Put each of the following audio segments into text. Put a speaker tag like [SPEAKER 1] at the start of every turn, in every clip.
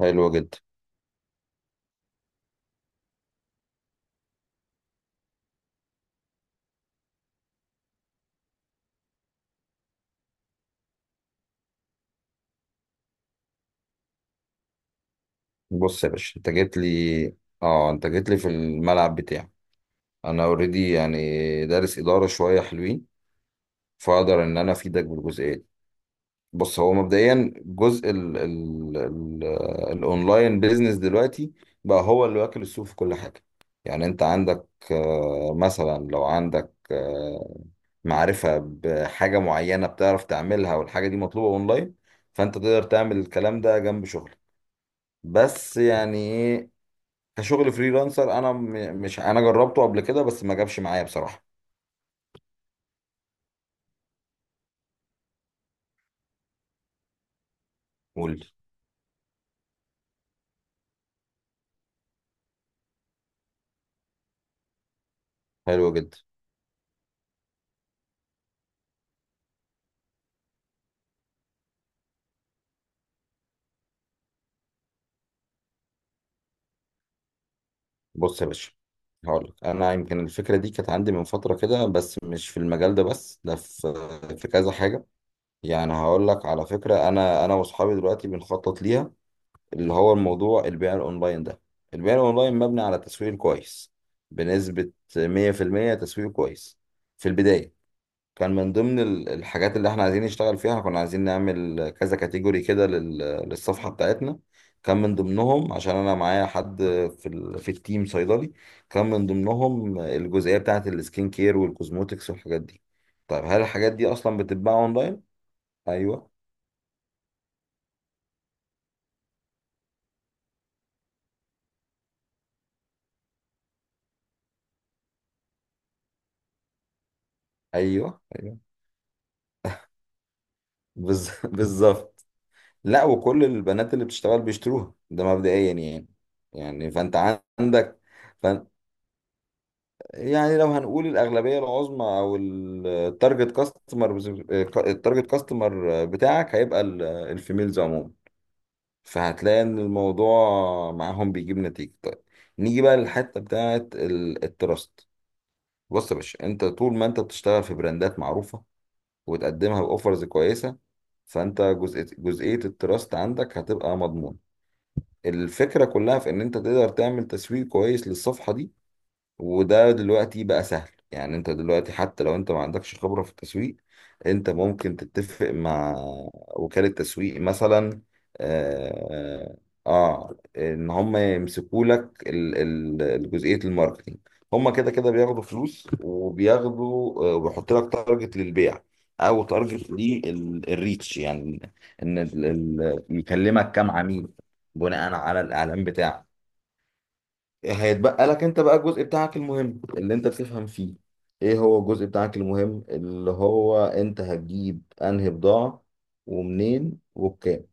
[SPEAKER 1] حلو جدا. بص يا باشا، انت جيت لي. اه انت جيت لي في الملعب بتاعي. انا اوريدي يعني دارس اداره شويه حلوين، فاقدر ان انا افيدك بالجزئيه دي. بص، هو مبدئيا جزء ال ال ال الاونلاين بيزنس دلوقتي بقى هو اللي واكل السوق في كل حاجه. يعني انت عندك، مثلا لو عندك معرفه بحاجه معينه بتعرف تعملها والحاجه دي مطلوبه اونلاين، فانت تقدر تعمل الكلام ده جنب شغلك. بس يعني كشغل فريلانسر، انا م- مش انا جربته قبل كده بس ما جابش معايا بصراحه. قول. حلو جدا. بص يا باشا، هقول لك، انا يمكن الفكره دي كانت عندي من فتره كده بس مش في المجال ده، بس ده في كذا حاجه. يعني هقول لك، على فكره انا واصحابي دلوقتي بنخطط ليها، اللي هو الموضوع البيع الاونلاين ده. البيع الاونلاين مبني على تسويق كويس، بنسبه 100% تسويق كويس. في البدايه كان من ضمن الحاجات اللي احنا عايزين نشتغل فيها، كنا عايزين نعمل كذا كاتيجوري كده للصفحة بتاعتنا. كان من ضمنهم عشان انا معايا حد في التيم صيدلي، كان من ضمنهم الجزئية بتاعت السكين كير والكوزموتكس والحاجات دي. طيب، هل الحاجات دي اصلا بتتباع اونلاين؟ ايوه، ايوه، ايوه. بالظبط. لا، وكل البنات اللي بتشتغل بيشتروها، ده مبدئيا يعني. يعني فانت عندك، يعني لو هنقول الأغلبية العظمى أو التارجت كاستمر. التارجت كاستمر بتاعك هيبقى الفيميلز عموما، فهتلاقي إن الموضوع معاهم بيجيب نتيجة طيب. نيجي بقى للحتة بتاعة التراست. بص يا باشا، أنت طول ما أنت بتشتغل في براندات معروفة وتقدمها بأوفرز كويسة، فأنت جزئية التراست عندك هتبقى مضمونة. الفكرة كلها في إن أنت تقدر تعمل تسويق كويس للصفحة دي. وده دلوقتي بقى سهل، يعني انت دلوقتي حتى لو انت ما عندكش خبرة في التسويق، انت ممكن تتفق مع وكالة تسويق مثلا. اه, ان هم يمسكوا لك الجزئية الماركتينج. هم كده كده بياخدوا فلوس، وبياخدوا، وبيحط لك تارجت للبيع او تارجت للريتش، يعني ان يكلمك كام عميل بناء على الاعلان بتاعك. هيتبقى لك انت بقى الجزء بتاعك المهم اللي انت بتفهم فيه، ايه هو الجزء بتاعك المهم، اللي هو انت هتجيب انهي بضاعة ومنين وبكام.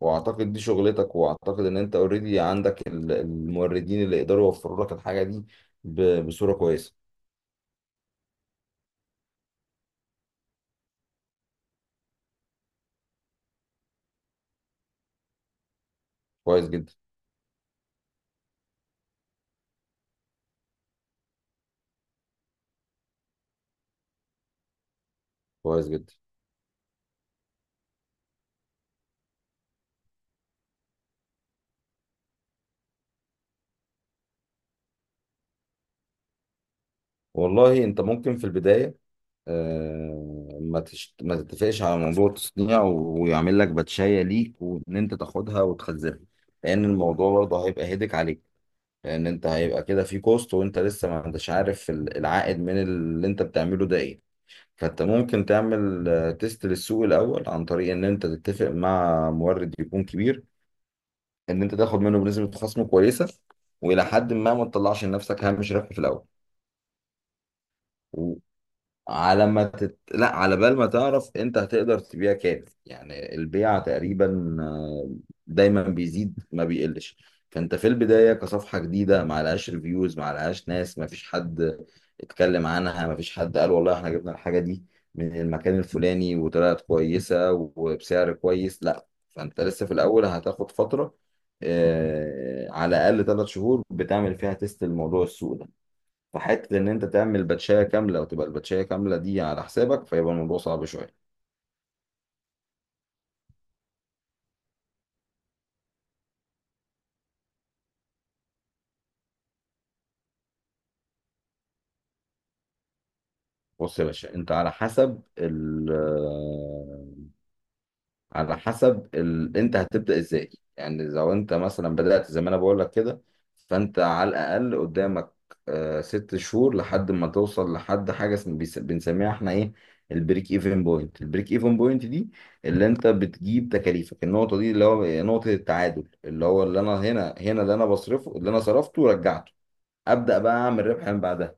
[SPEAKER 1] واعتقد دي شغلتك، واعتقد ان انت اوريدي عندك الموردين اللي يقدروا يوفروا لك الحاجة دي بصورة كويسة. كويس جدا. كويس جدا. والله انت ممكن في البداية، ما تتفقش على موضوع التصنيع ويعمل لك باتشاية ليك، وان انت تاخدها وتخزنها، لان الموضوع برضه هيبقى هيدك عليك. لان انت هيبقى كده في كوست، وانت لسه ما انتش عارف العائد من اللي انت بتعمله ده ايه. فانت ممكن تعمل تيست للسوق الاول عن طريق ان انت تتفق مع مورد يكون كبير، ان انت تاخد منه بنسبة خصم كويسة، والى حد ما ما تطلعش لنفسك هامش ربح في الاول. على ما تت... لا، على بال ما تعرف انت هتقدر تبيع كام، يعني البيع تقريبا دايما بيزيد ما بيقلش. فانت في البداية كصفحة جديدة ما لهاش ريفيوز ما لهاش ناس، ما فيش حد اتكلم عنها، ما فيش حد قال والله احنا جبنا الحاجة دي من المكان الفلاني وطلعت كويسة وبسعر كويس، لا، فانت لسه في الاول هتاخد فترة، على الاقل 3 شهور بتعمل فيها تيست الموضوع السوق ده. فحته ان انت تعمل باتشايه كامله وتبقى الباتشايه كامله دي على حسابك، فيبقى الموضوع صعب شويه. بص يا باشا، انت على حسب ال آه، على حسب ال... انت هتبدا ازاي؟ يعني لو انت مثلا بدات زي ما انا بقول لك كده، فانت على الاقل قدامك 6 شهور لحد ما توصل لحد حاجه بنسميها احنا ايه، البريك ايفن بوينت دي اللي انت بتجيب تكاليفك، النقطه دي اللي هو نقطه التعادل، اللي هو اللي انا هنا، اللي انا بصرفه اللي انا صرفته رجعته، ابدا بقى اعمل ربح من بعدها.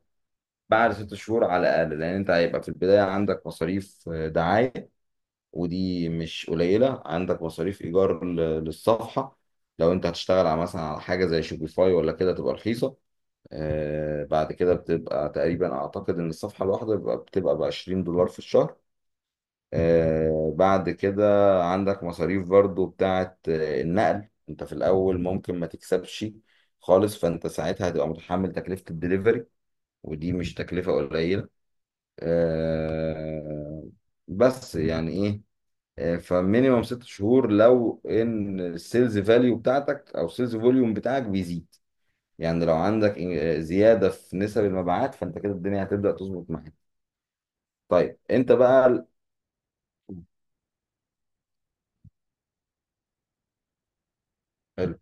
[SPEAKER 1] بعد 6 شهور على الاقل، لان انت هيبقى في البدايه عندك مصاريف، دعايه ودي مش قليله، عندك مصاريف ايجار للصفحه لو انت هتشتغل على مثلا على حاجه زي شوبيفاي ولا كده تبقى رخيصه. بعد كده بتبقى تقريبا، اعتقد ان الصفحه الواحده بتبقى ب 20 دولار في الشهر. بعد كده عندك مصاريف برضو بتاعه النقل. انت في الاول ممكن ما تكسبش خالص، فانت ساعتها هتبقى متحمل تكلفه الدليفري ودي مش تكلفة قليلة. آه، بس يعني ايه، فمينيمم 6 شهور لو ان السيلز فاليو بتاعتك او السيلز فوليوم بتاعك بيزيد، يعني لو عندك زيادة في نسب المبيعات، فانت كده الدنيا هتبدأ تظبط معاك. طيب، انت بقى حلو.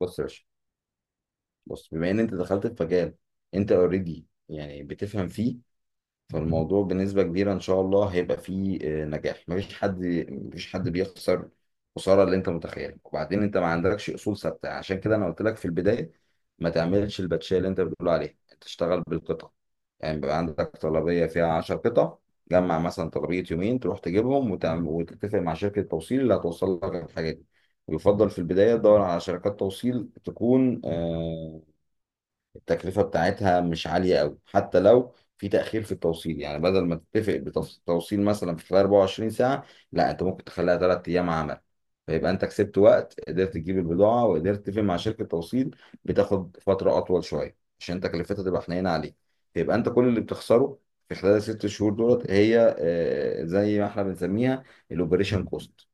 [SPEAKER 1] بص يا باشا، بص بما ان انت دخلت في مجال انت اوريدي يعني بتفهم فيه، فالموضوع بنسبة كبيرة إن شاء الله هيبقى فيه نجاح. مفيش حد بيخسر خسارة اللي أنت متخيلها. وبعدين أنت ما عندكش أصول ثابتة، عشان كده أنا قلت لك في البداية ما تعملش الباتشية اللي أنت بتقول عليها، أنت تشتغل بالقطع. يعني بيبقى عندك طلبية فيها 10 قطع، جمع مثلا طلبية يومين، تروح تجيبهم وتعمل وتتفق مع شركة توصيل اللي هتوصل لك الحاجة دي. ويفضل في البداية تدور على شركات توصيل تكون التكلفة بتاعتها مش عالية قوي، حتى لو في تأخير في التوصيل، يعني بدل ما تتفق بتوصيل مثلا في خلال 24 ساعة، لا، انت ممكن تخليها 3 ايام عمل، فيبقى انت كسبت وقت، قدرت تجيب البضاعة وقدرت تتفق مع شركة توصيل بتاخد فترة اطول شوية عشان تكلفتها تبقى حنينة عليك. فيبقى انت كل اللي بتخسره في خلال الست شهور دولت هي زي ما احنا بنسميها، الاوبريشن كوست.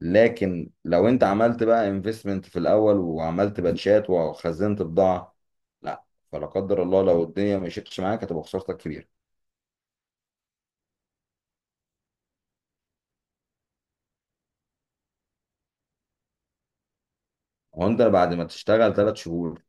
[SPEAKER 1] لكن لو انت عملت بقى انفستمنت في الاول وعملت باتشات وخزنت بضاعه، لا، فلا قدر الله لو الدنيا مشيتش معاك هتبقى خسارتك كبيره. وانت بعد ما تشتغل 3 شهور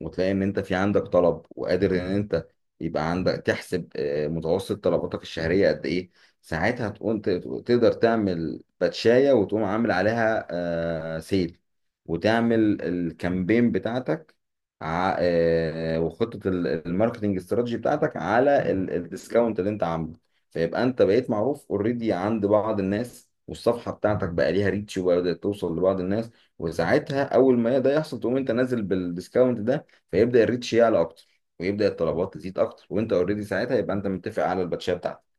[SPEAKER 1] وتلاقي ان انت في عندك طلب وقادر ان انت، يبقى عندك تحسب متوسط طلباتك الشهرية قد ايه، ساعتها تقوم تقدر تعمل باتشاية، وتقوم عامل عليها سيل، وتعمل الكامبين بتاعتك، وخطة الماركتنج استراتيجي بتاعتك على الديسكاونت اللي انت عامله. فيبقى انت بقيت معروف اوريدي عند بعض الناس، والصفحة بتاعتك بقى ليها ريتش وبدأت توصل لبعض الناس. وساعتها اول ما ده يحصل، تقوم انت نازل بالديسكاونت ده، فيبدا الريتش يعلى اكتر، ويبدا الطلبات تزيد اكتر، وانت اوريدي ساعتها يبقى انت متفق على الباتشيه بتاعتك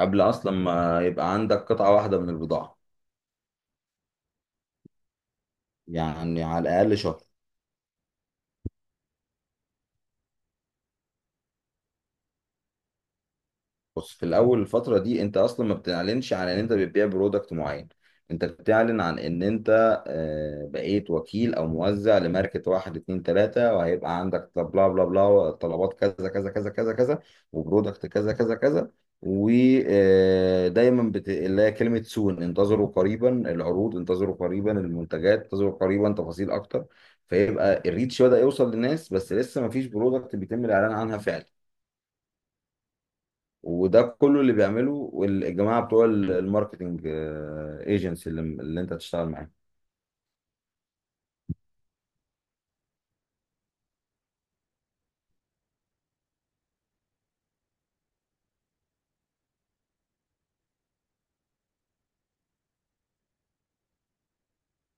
[SPEAKER 1] قبل اصلا ما يبقى عندك قطعه واحده من البضاعه. يعني على الاقل شهر. بص، في الاول الفتره دي انت اصلا ما بتعلنش عن ان انت بتبيع برودكت معين، انت بتعلن عن ان انت بقيت وكيل او موزع لماركه واحد اتنين تلاته، وهيبقى عندك بلا بلا بلا طلبات كذا كذا كذا كذا كذا، وبرودكت كذا كذا كذا، ودايما اللي هي كلمه سون، انتظروا قريبا العروض، انتظروا قريبا المنتجات، انتظروا قريبا تفاصيل اكتر. فيبقى الريتش بدأ يوصل للناس بس لسه ما فيش برودكت بيتم الاعلان عنها فعلا. وده كله اللي بيعمله والجماعه بتوع الماركتنج ايجنسي اللي انت هتشتغل معاهم.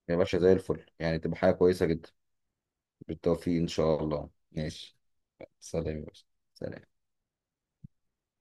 [SPEAKER 1] يا باشا زي الفل يعني، تبقى حاجه كويسه جدا. بالتوفيق ان شاء الله، ماشي. سلام يا باشا. سلام.